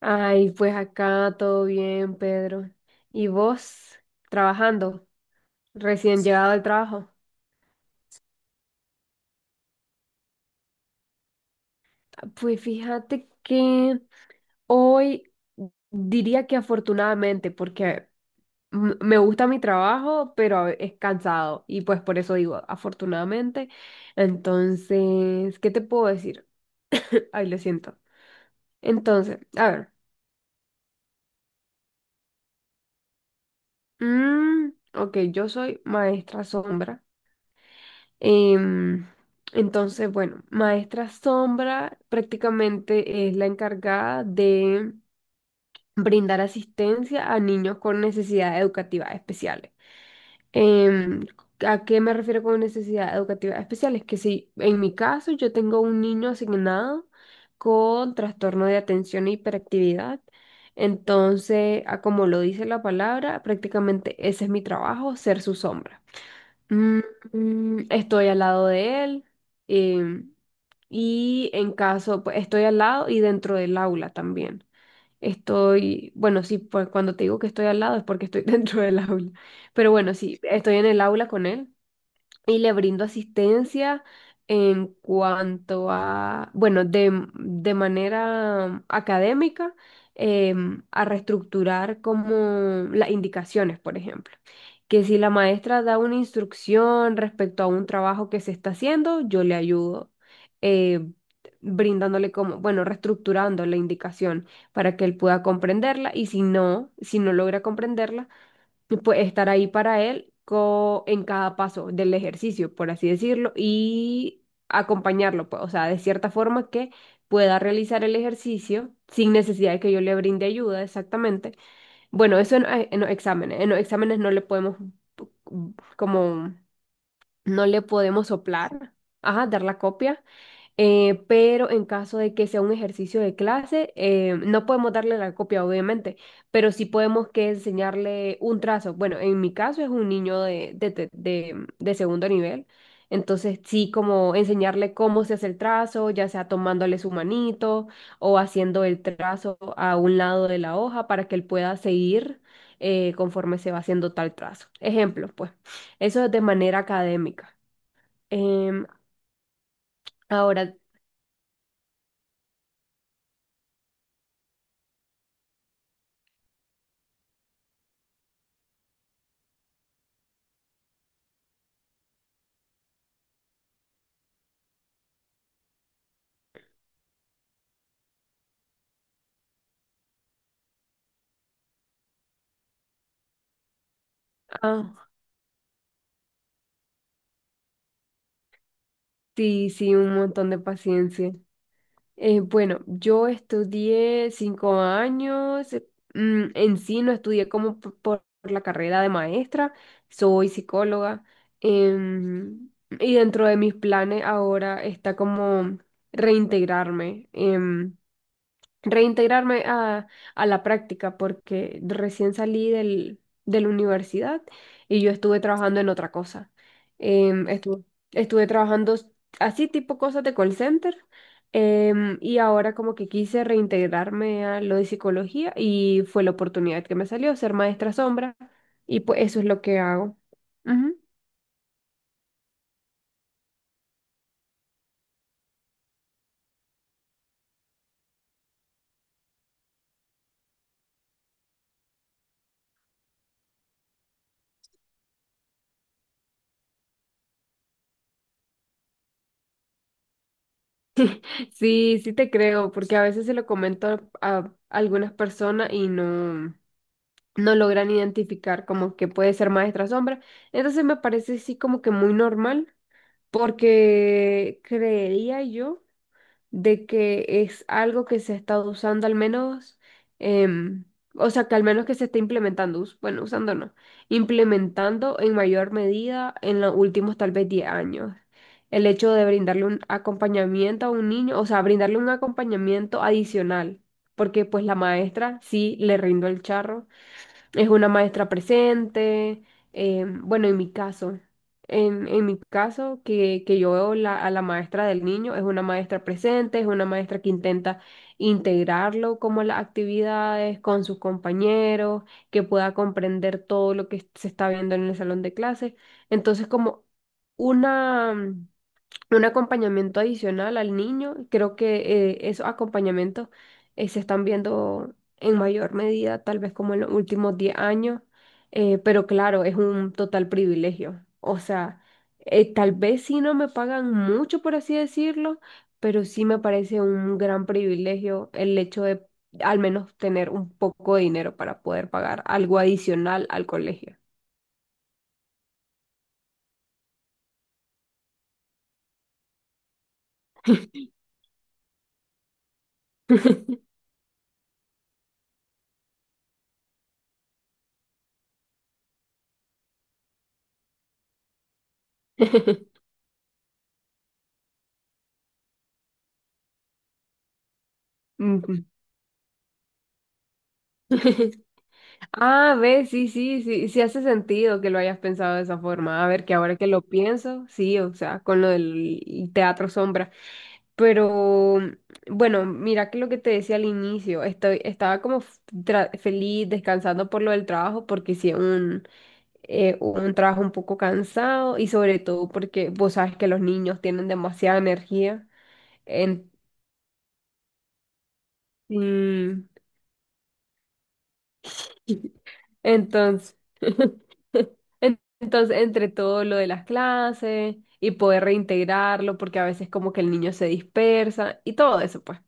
Ay, pues acá todo bien, Pedro. ¿Y vos trabajando, recién llegado al trabajo? Pues fíjate que hoy diría que afortunadamente, porque me gusta mi trabajo, pero es cansado y pues por eso digo afortunadamente. Entonces, ¿qué te puedo decir? Ay, lo siento. Entonces, a ver. mm, ok, yo soy maestra sombra. Em, entonces, bueno, maestra sombra prácticamente es la encargada de brindar asistencia a niños con necesidades educativas especiales. Em, ¿a qué me refiero con necesidades educativas especiales? Que si en mi caso yo tengo un niño asignado con trastorno de atención e hiperactividad, entonces, a como lo dice la palabra, prácticamente ese es mi trabajo, ser su sombra. Mm, estoy al lado de él em, y en caso, pues estoy al lado y dentro del aula también. Estoy, bueno, sí, pues cuando te digo que estoy al lado es porque estoy dentro del aula, pero bueno, sí, estoy en el aula con él y le brindo asistencia en cuanto a, bueno, de manera académica, a reestructurar como las indicaciones, por ejemplo. Que si la maestra da una instrucción respecto a un trabajo que se está haciendo, yo le ayudo, eh, brindándole como, bueno, reestructurando la indicación para que él pueda comprenderla y si no logra comprenderla, tú puedes estar ahí para él en cada paso del ejercicio, por así decirlo, y acompañarlo, pues, o sea, de cierta forma que pueda realizar el ejercicio sin necesidad de que yo le brinde ayuda, exactamente. Bueno, eso en los exámenes. En los exámenes no le podemos, como, no le podemos soplar, ajá, dar la copia pero en caso de que sea un ejercicio de clase, no podemos darle la copia, obviamente, pero sí podemos que enseñarle un trazo. Bueno, en mi caso es un niño de segundo nivel, entonces sí como enseñarle cómo se hace el trazo, ya sea tomándole su manito o haciendo el trazo a un lado de la hoja para que él pueda seguir conforme se va haciendo tal trazo. Ejemplos, pues, eso es de manera académica. Em, ahora, ah, sí, sí, un montón de paciencia. Bueno, yo estudié 5 años, en sí no estudié como por la carrera de maestra, soy psicóloga, em, y dentro de mis planes ahora está como reintegrarme. Reintegrarme a la práctica porque recién salí del, de la universidad y yo estuve trabajando en otra cosa. Em, estuve, estuve trabajando así tipo cosas de call center y ahora como que quise reintegrarme a lo de psicología y fue la oportunidad que me salió ser maestra sombra y pues eso es lo que hago. Ujú. Sí, sí te creo, porque a veces se lo comento a algunas personas y no. No logran identificar como que puede ser maestra sombra. Entonces me parece sí como que muy normal, porque creería yo de que es algo que se ha estado usando al menos, em, o sea, que al menos que se está implementando, bueno, usando no, implementando en mayor medida en los últimos tal vez 10 años. El hecho de brindarle un acompañamiento a un niño, o sea, brindarle un acompañamiento adicional, porque pues la maestra sí le rindó el charro es una maestra presente. Bueno, en mi caso, en mi caso, que yo veo a la maestra del niño, es una maestra presente, es una maestra que intenta integrarlo como a las actividades con sus compañeros, que pueda comprender todo lo que se está viendo en el salón de clases. Entonces, como una un acompañamiento adicional al niño. Creo que esos acompañamientos se están viendo en mayor medida, tal vez como en los últimos 10 años, pero claro, es un total privilegio. O sea, tal vez sí no me pagan mucho, por así decirlo, pero sí me parece un gran privilegio el hecho de al menos tener un poco de dinero para poder pagar algo adicional al colegio. Ujú. Ah, ve, sí, sí, sí, sí hace sentido que lo hayas pensado de esa forma. A ver, que ahora que lo pienso, sí, o sea, con lo del teatro sombra. Pero bueno, mira que lo que te decía al inicio, estoy, estaba como feliz descansando por lo del trabajo, porque sí, un trabajo un poco cansado y sobre todo porque vos sabes que los niños tienen demasiada energía. En, sí. Entonces, entonces, entre todo lo de las clases y poder reintegrarlo, porque a veces como que el niño se dispersa y todo eso, pues.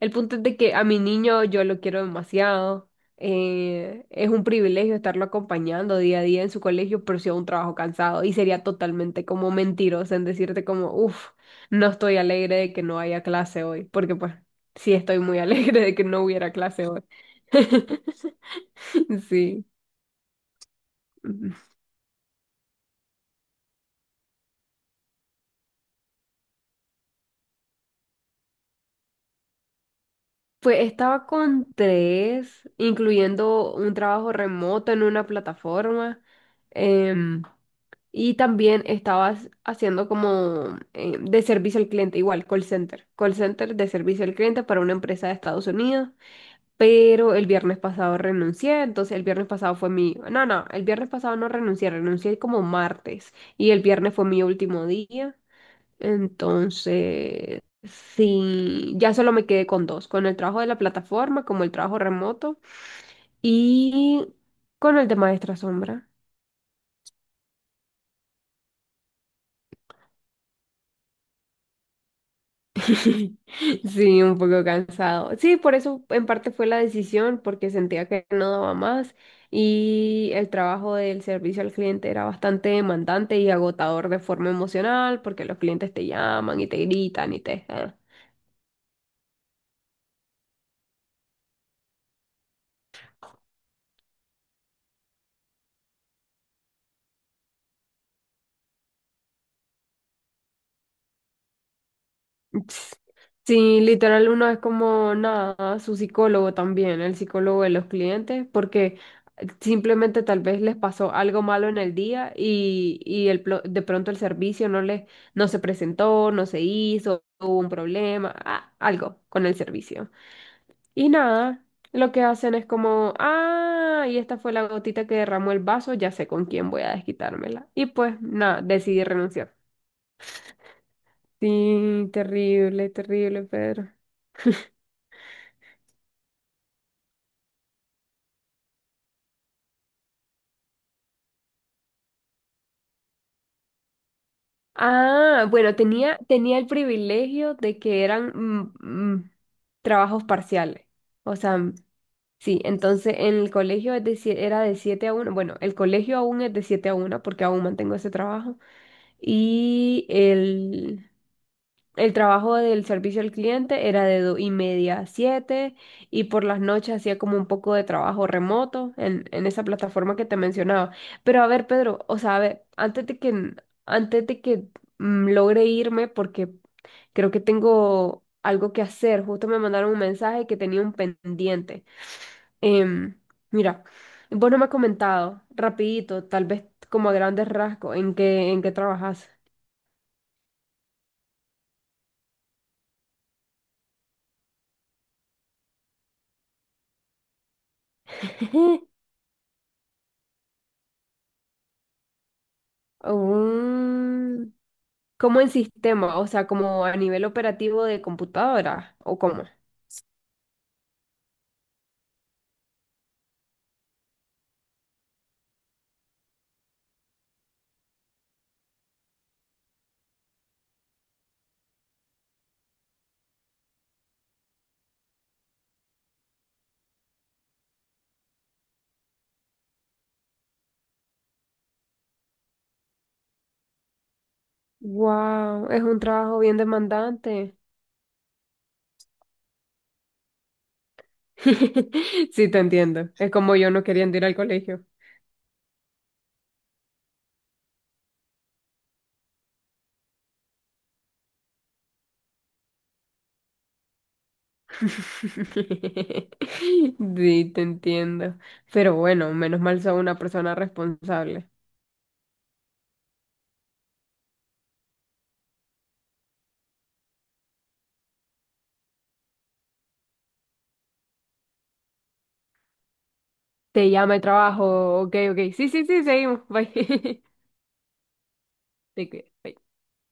El punto es de que a mi niño yo lo quiero demasiado. Es un privilegio estarlo acompañando día a día en su colegio, pero sí es un trabajo cansado y sería totalmente como mentiroso en decirte como, uff, no estoy alegre de que no haya clase hoy, porque pues sí estoy muy alegre de que no hubiera clase hoy. Sí. Pues estaba con tres, incluyendo un trabajo remoto en una plataforma. em, y también estaba haciendo como de servicio al cliente, igual, call center. Call center de servicio al cliente para una empresa de Estados Unidos. Pero el viernes pasado renuncié, entonces el viernes pasado fue mi... No, no, el viernes pasado no renuncié, renuncié como martes. Y el viernes fue mi último día. Entonces, sí, ya solo me quedé con dos, con el trabajo de la plataforma, como el trabajo remoto, y con el de maestra sombra. Sí, un poco cansado. Sí, por eso en parte fue la decisión, porque sentía que no daba más y el trabajo del servicio al cliente era bastante demandante y agotador de forma emocional, porque los clientes te llaman y te gritan y te... ah. Ps, sí, literal, uno es como nada, su psicólogo también, el psicólogo de los clientes, porque simplemente tal vez les pasó algo malo en el día y de pronto el servicio no les, no se presentó, no se hizo, hubo un problema, ah, algo con el servicio. Y nada, lo que hacen es como, ah, y esta fue la gotita que derramó el vaso, ya sé con quién voy a desquitármela. Y pues nada, decidí renunciar. Sí, terrible, terrible, Pedro. Ah, bueno, tenía el privilegio de que eran mm, trabajos parciales. O sea, sí, entonces en el colegio es de era de 7 a 1. Bueno, el colegio aún es de 7 a 1 porque aún mantengo ese trabajo. Y el, el trabajo del servicio al cliente era de 2:30 a 7 y por las noches hacía como un poco de trabajo remoto en esa plataforma que te mencionaba. Pero a ver, Pedro, o sea, a ver, antes de que, antes de que logre irme, porque creo que tengo algo que hacer, justo me mandaron un mensaje que tenía un pendiente. Em, mira, vos no me has comentado, rapidito, tal vez como a grandes rasgos, en qué trabajas. Mm, ¿Cómo en sistema, o sea, como a nivel operativo de computadora, ¿o cómo? Wow, es un trabajo bien demandante. Sí, te entiendo. Es como yo no queriendo ir al colegio. Sí, te entiendo. Pero bueno, menos mal soy una persona responsable. Te llama el trabajo. Ok, ok. Sí, sí, sí, seguimos. Bye. Te cuidas. Bye.